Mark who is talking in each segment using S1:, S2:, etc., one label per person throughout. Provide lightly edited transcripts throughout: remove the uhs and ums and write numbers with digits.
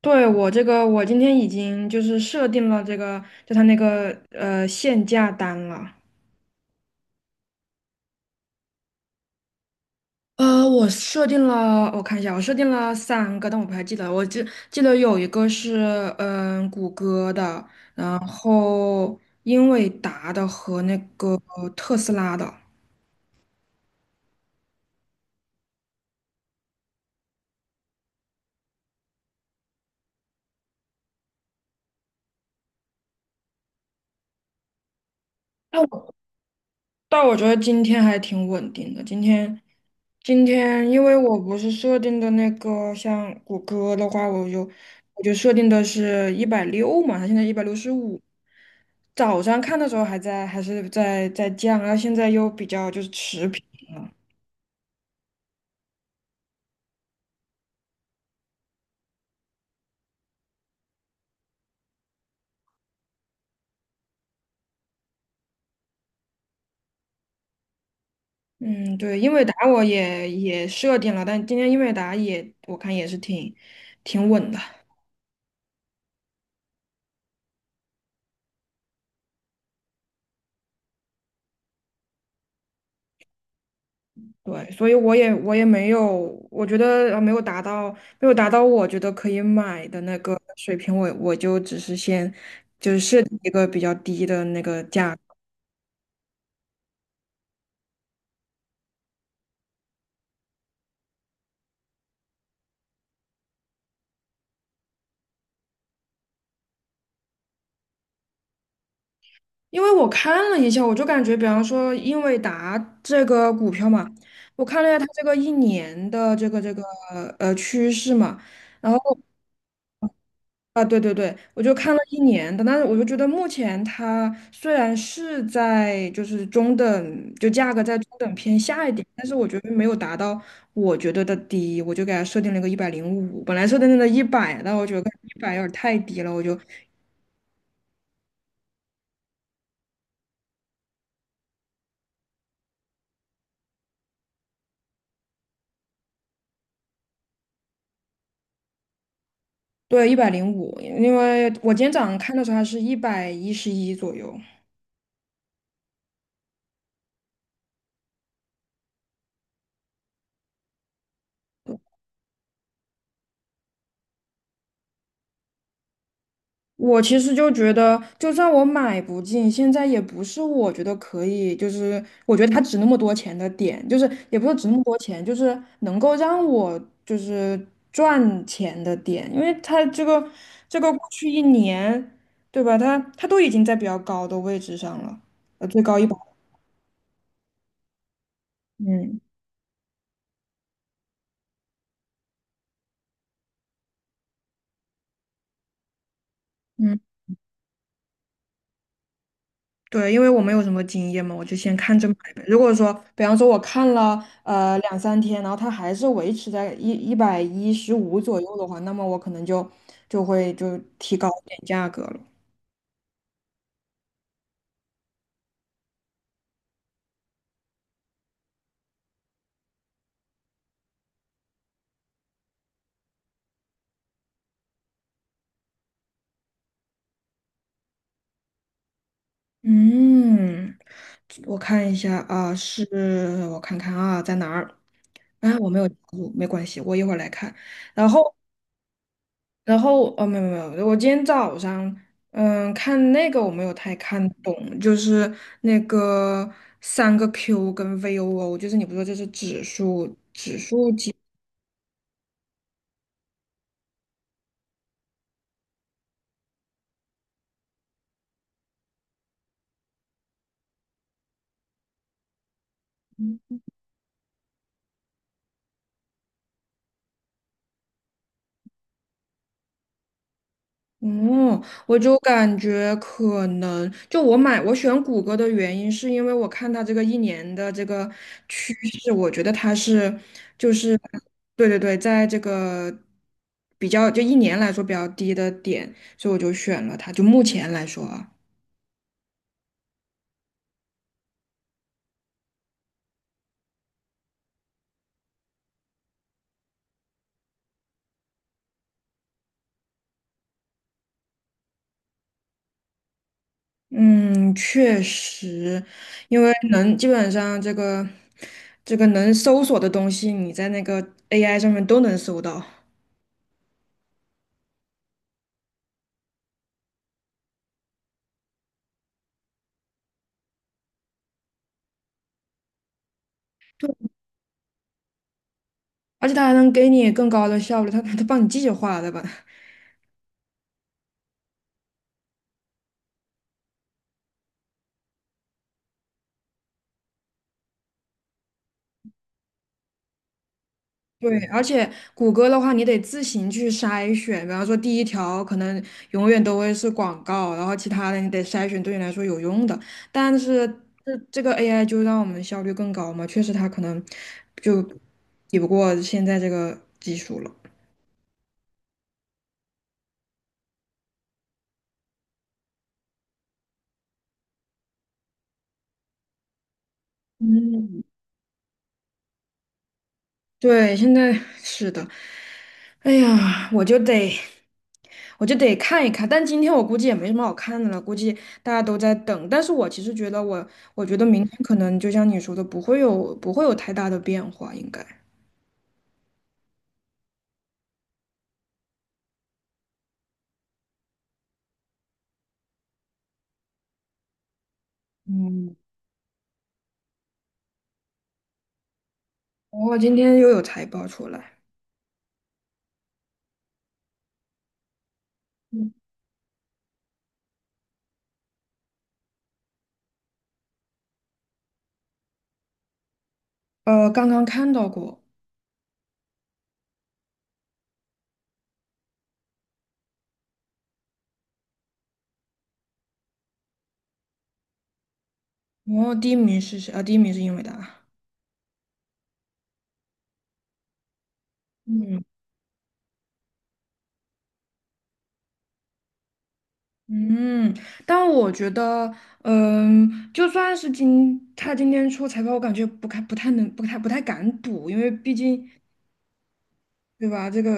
S1: 对，我这个，我今天已经就是设定了这个，就它那个限价单了。我设定了，我看一下，我设定了三个，但我不太记得了，我记得有一个是谷歌的，然后英伟达的和那个特斯拉的。但我觉得今天还挺稳定的。今天因为我不是设定的那个，像谷歌的话，我就设定的是一百六嘛，它现在165。早上看的时候还是在降，然后现在又比较就是持平了。嗯，对，英伟达我也设定了，但今天英伟达也我看也是挺稳的。对，所以我也没有，我觉得没有达到我觉得可以买的那个水平，我就只是先就是设定一个比较低的那个价格。因为我看了一下，我就感觉，比方说英伟达这个股票嘛，我看了一下它这个一年的这个趋势嘛，然后。啊，对对对，我就看了一年的。但是我就觉得目前它虽然是在就是中等，就价格在中等偏下一点，但是我觉得没有达到我觉得的低，我就给它设定了个一百零五，本来设定的一百，但我觉得一百有点太低了，对，一百零五，一百零五。因为我今天早上看的时候它是111左右。我其实就觉得，就算我买不进，现在也不是我觉得可以，就是我觉得它值那么多钱的点，就是也不是值那么多钱，就是能够让我就是赚钱的点。因为它这个过去一年，对吧？它都已经在比较高的位置上了，最高一百。嗯嗯。对，因为我没有什么经验嘛，我就先看着买呗。如果说，比方说我看了两三天，然后它还是维持在一百一十五左右的话，那么我可能会就提高一点价格了。嗯，我看一下啊，是我看看啊，在哪儿？啊，我没有记住，没关系，我一会儿来看。然后哦，没有没有，没有，我今天早上看那个，我没有太看懂，就是那个三个 Q 跟 VOO，就是你不说这是指数。嗯，我就感觉可能就我选谷歌的原因是因为我看它这个一年的这个趋势，我觉得它是就是，对对对，在这个比较就一年来说比较低的点，所以我就选了它，就目前来说啊。嗯，确实，因为能基本上这个能搜索的东西，你在那个 AI 上面都能搜到。而且它还能给你更高的效率，它帮你计划的吧？对，而且谷歌的话，你得自行去筛选，比方说第一条可能永远都会是广告，然后其他的你得筛选对你来说有用的，但是这个 AI 就让我们效率更高嘛，确实它可能就抵不过现在这个技术了。嗯，对，现在是的。哎呀，我就得看一看。但今天我估计也没什么好看的了，估计大家都在等。但是我其实觉得我觉得明天可能就像你说的，不会有太大的变化，应该。嗯今天又有财报出来。嗯，刚刚看到过。哦，第一名是谁？啊，第一名是英伟达。嗯。嗯，但我觉得，嗯，就算是他今天出财报，我感觉不太不太能不太不太敢赌。因为毕竟对吧，这个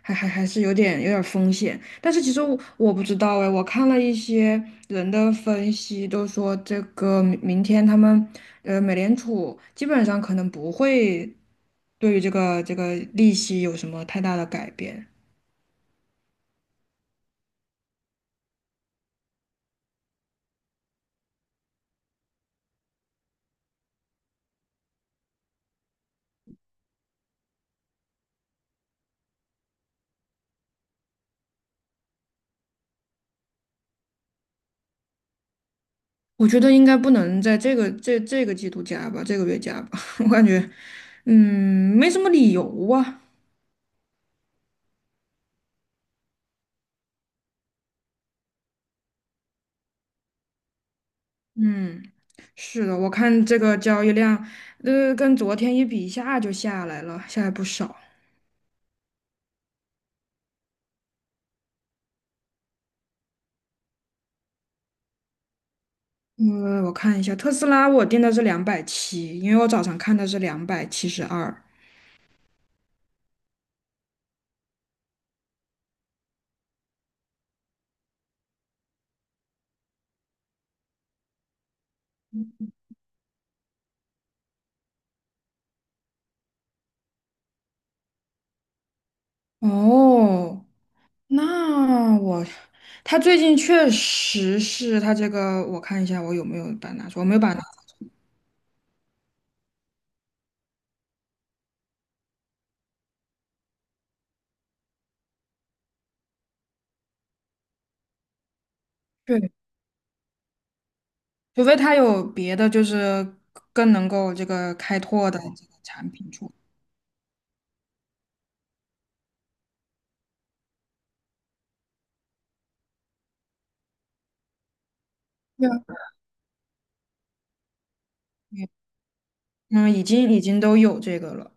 S1: 还是有点风险。但是其实我不知道哎，我看了一些人的分析，都说这个明天他们美联储基本上可能不会对于这个利息有什么太大的改变。我觉得应该不能在这个这个季度加吧，这个月加吧，我感觉，嗯，没什么理由啊。嗯，是的，我看这个交易量，跟昨天一比，一下就下来了，下来不少。我看一下，特斯拉我定的是两百七，因为我早上看的是272。哦，那我，它最近确实是它这个。我看一下我有没有把它拿出，我没有把它拿出。除非他有别的，就是更能够这个开拓的这个产品出来。对啊，嗯，已经都有这个了。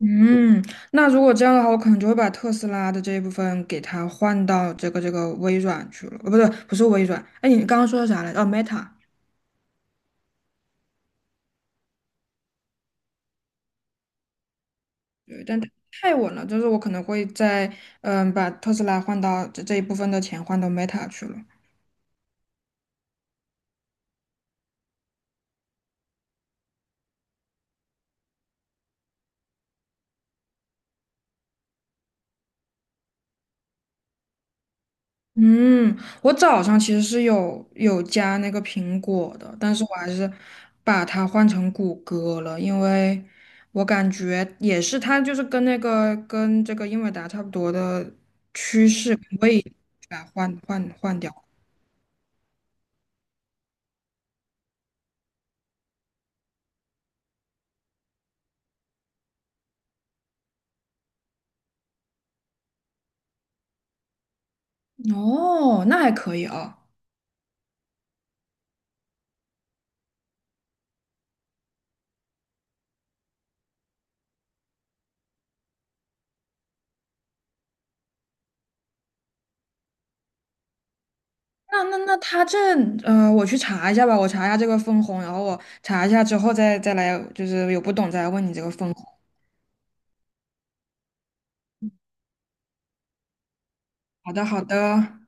S1: 嗯，那如果这样的话，我可能就会把特斯拉的这一部分给它换到这个微软去了。不对，不是微软。哎，你刚刚说的啥来着？哦，Meta。对，但它太稳了，就是我可能会在把特斯拉换到这一部分的钱换到 Meta 去了。嗯，我早上其实是有加那个苹果的，但是我还是把它换成谷歌了，因为我感觉也是它就是跟这个英伟达差不多的趋势，我也把它换掉。哦，那还可以啊。那那那我去查一下吧，我查一下这个分红，然后我查一下之后再来，就是有不懂再来问你这个分红。好的，好的。